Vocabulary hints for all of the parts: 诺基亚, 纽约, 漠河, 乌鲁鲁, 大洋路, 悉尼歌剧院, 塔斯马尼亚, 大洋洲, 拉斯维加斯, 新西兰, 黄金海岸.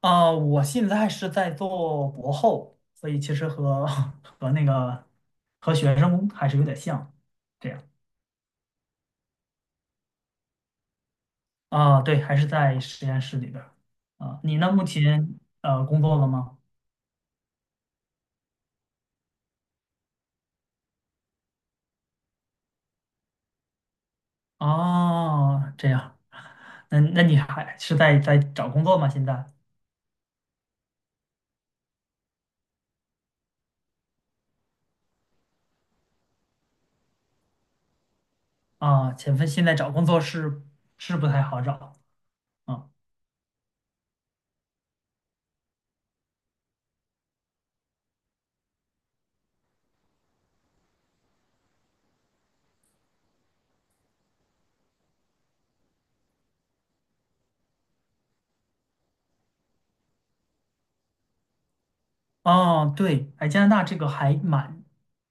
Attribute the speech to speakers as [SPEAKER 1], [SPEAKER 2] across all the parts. [SPEAKER 1] 啊、我现在是在做博后，所以其实和 和那个和学生还是有点像，这样。啊、对，还是在实验室里边儿。啊、你呢？目前工作了吗？哦，这样，那你还是在找工作吗？现在。啊，现在找工作是不太好找啊。哦，对，哎，加拿大这个还蛮，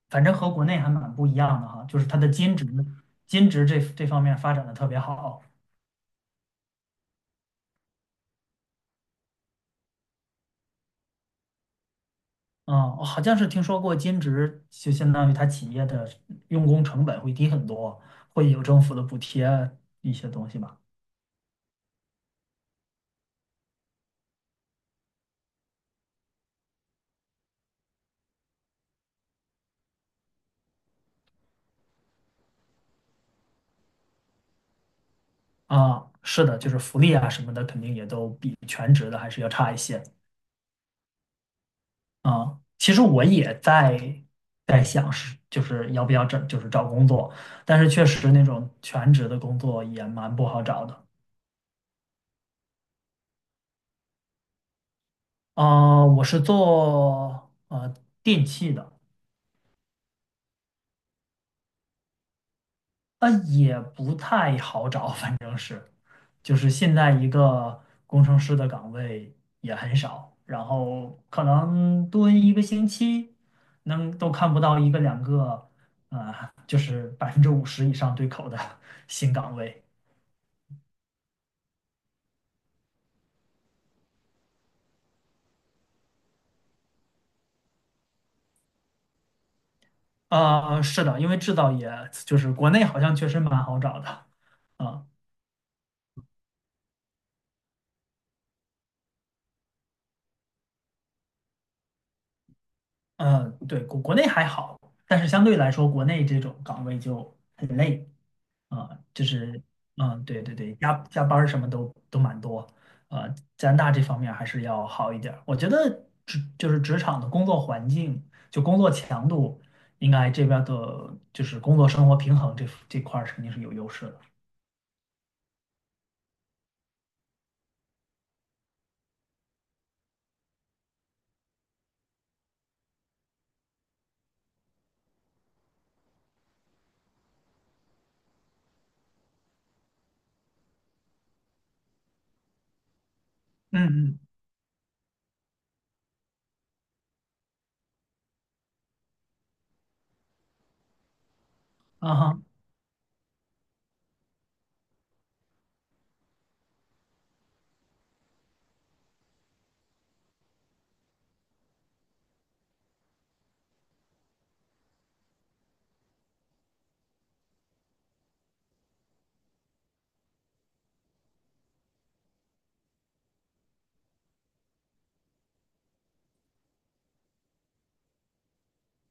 [SPEAKER 1] 反正和国内还蛮不一样的哈，就是它的兼职这方面发展的特别好。啊，我好像是听说过兼职，就相当于它企业的用工成本会低很多，会有政府的补贴一些东西吧。啊，是的，就是福利啊什么的，肯定也都比全职的还是要差一些。啊，其实我也在想是就是要不要找就是找工作，但是确实那种全职的工作也蛮不好找的。啊，我是做电器的，也不太好找，反正就是现在一个工程师的岗位也很少，然后可能蹲一个星期能都看不到一个两个，啊、就是50%以上对口的 新岗位。啊，是的，因为制造业就是国内好像确实蛮好找的，嗯。嗯，对，国内还好，但是相对来说，国内这种岗位就很累，啊，就是，嗯，对对对，加班儿什么都蛮多，啊，加拿大这方面还是要好一点儿我觉得就是职场的工作环境，就工作强度，应该这边儿的就是工作生活平衡这这块儿肯定是有优势的，嗯嗯，啊哈，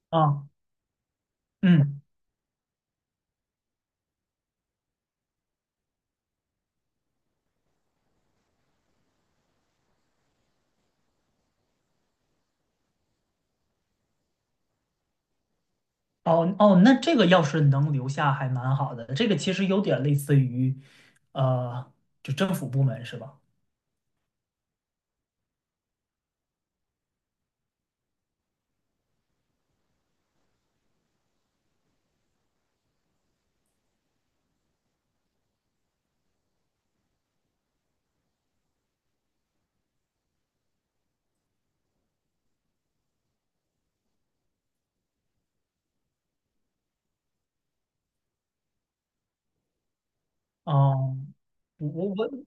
[SPEAKER 1] 啊，嗯。哦哦，那这个要是能留下还蛮好的，这个其实有点类似于，呃，就政府部门是吧？哦，我，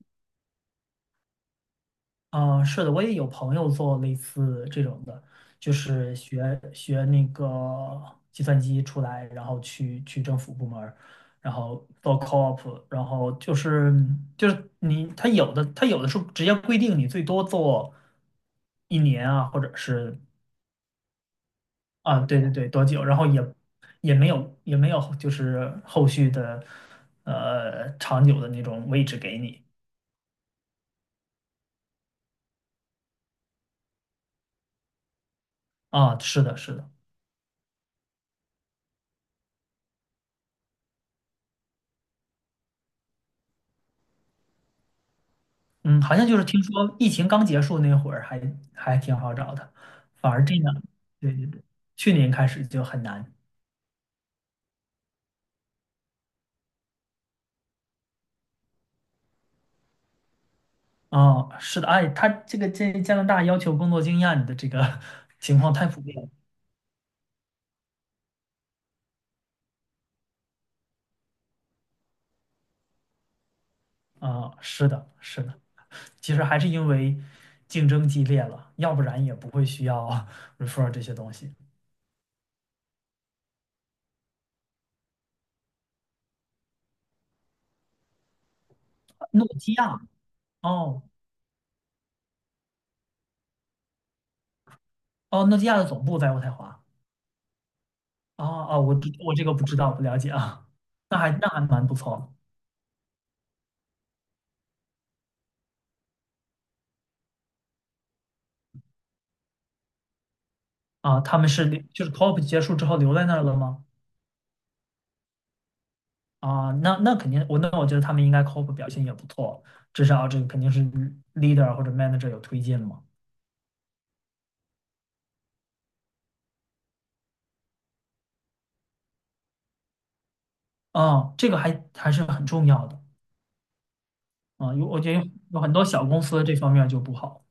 [SPEAKER 1] 啊、是的，我也有朋友做类似这种的，就是学那个计算机出来，然后去政府部门儿然后做 co-op，然后就是你他有的他有的时候直接规定你最多做一年啊，或者是啊，对对对，多久？然后也没有就是后续的长久的那种位置给你。啊，是的，是的，嗯，好像就是听说疫情刚结束那会儿还挺好找的，反而这样，对对对，去年开始就很难。啊，是的，哎，他这加拿大要求工作经验的这个 情况太普遍了。啊，是的，是的，其实还是因为竞争激烈了，要不然也不会需要 refer 这些东西。诺基亚，哦哦，诺基亚的总部在渥太华。哦哦，我这个不知道，不了解啊。那还蛮不错的啊。他们是就是 COP 结束之后留在那儿了吗？啊，那肯定，我觉得他们应该 COP 表现也不错，至少这个肯定是 leader 或者 manager 有推进嘛。啊，这个还是很重要的啊。我觉得有很多小公司这方面就不好。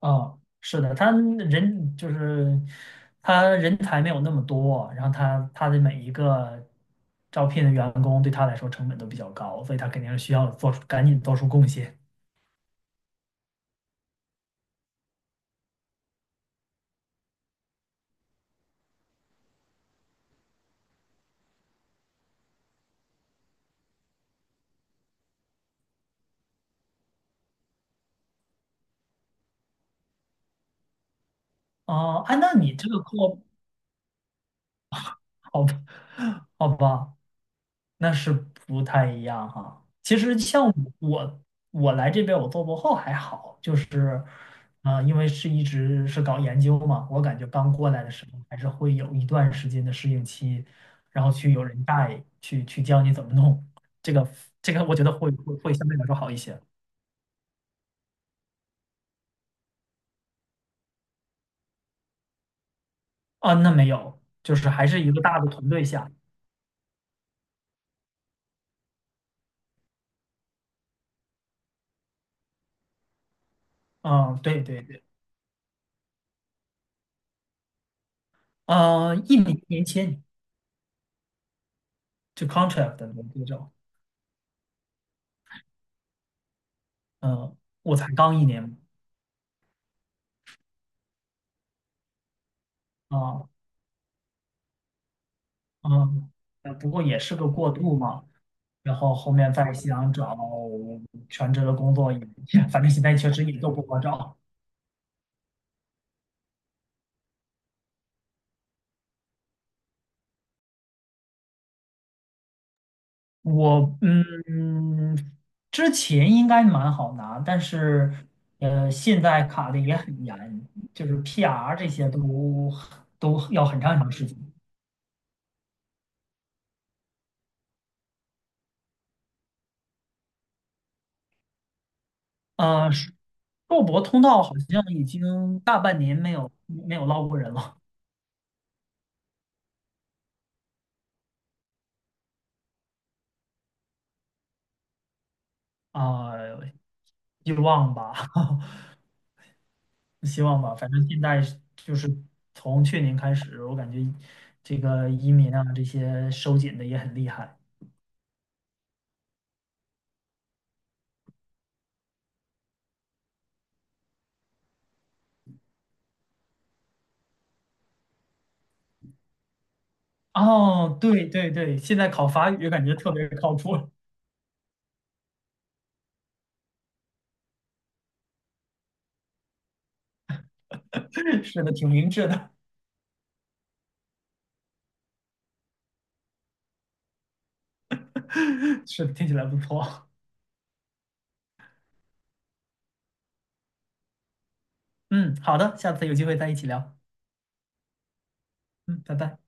[SPEAKER 1] 哦，是的，他人才没有那么多，然后他的每一个招聘的员工对他来说成本都比较高，所以他肯定是需要做出赶紧做出贡献。哦，哎，那你这个过好吧，好吧，那是不太一样哈。其实像我，我来这边我做博后还好，就是，啊，因为是一直是搞研究嘛，我感觉刚过来的时候还是会有一段时间的适应期，然后去有人带，去教你怎么弄，这个这个我觉得会相对来说好一些。啊，那没有，就是还是一个大的团队下，嗯，对对对，一年一年签就 contract 的那种，嗯，我才刚一年嘛。啊，嗯，不过也是个过渡嘛。然后后面再想找全职的工作也，反正现在确实也都不好找。我之前应该蛮好拿，但是现在卡的也很严，就是 PR 这些都要很长很长时间。硕博通道好像已经大半年没有捞过人了。啊，希望吧。希望吧，反正现在就是从去年开始，我感觉这个移民啊这些收紧的也很厉害。哦，对对对，现在考法语感觉特别靠谱，是的，挺明智的，是的，听起来不错。嗯，好的，下次有机会再一起聊。嗯，拜拜。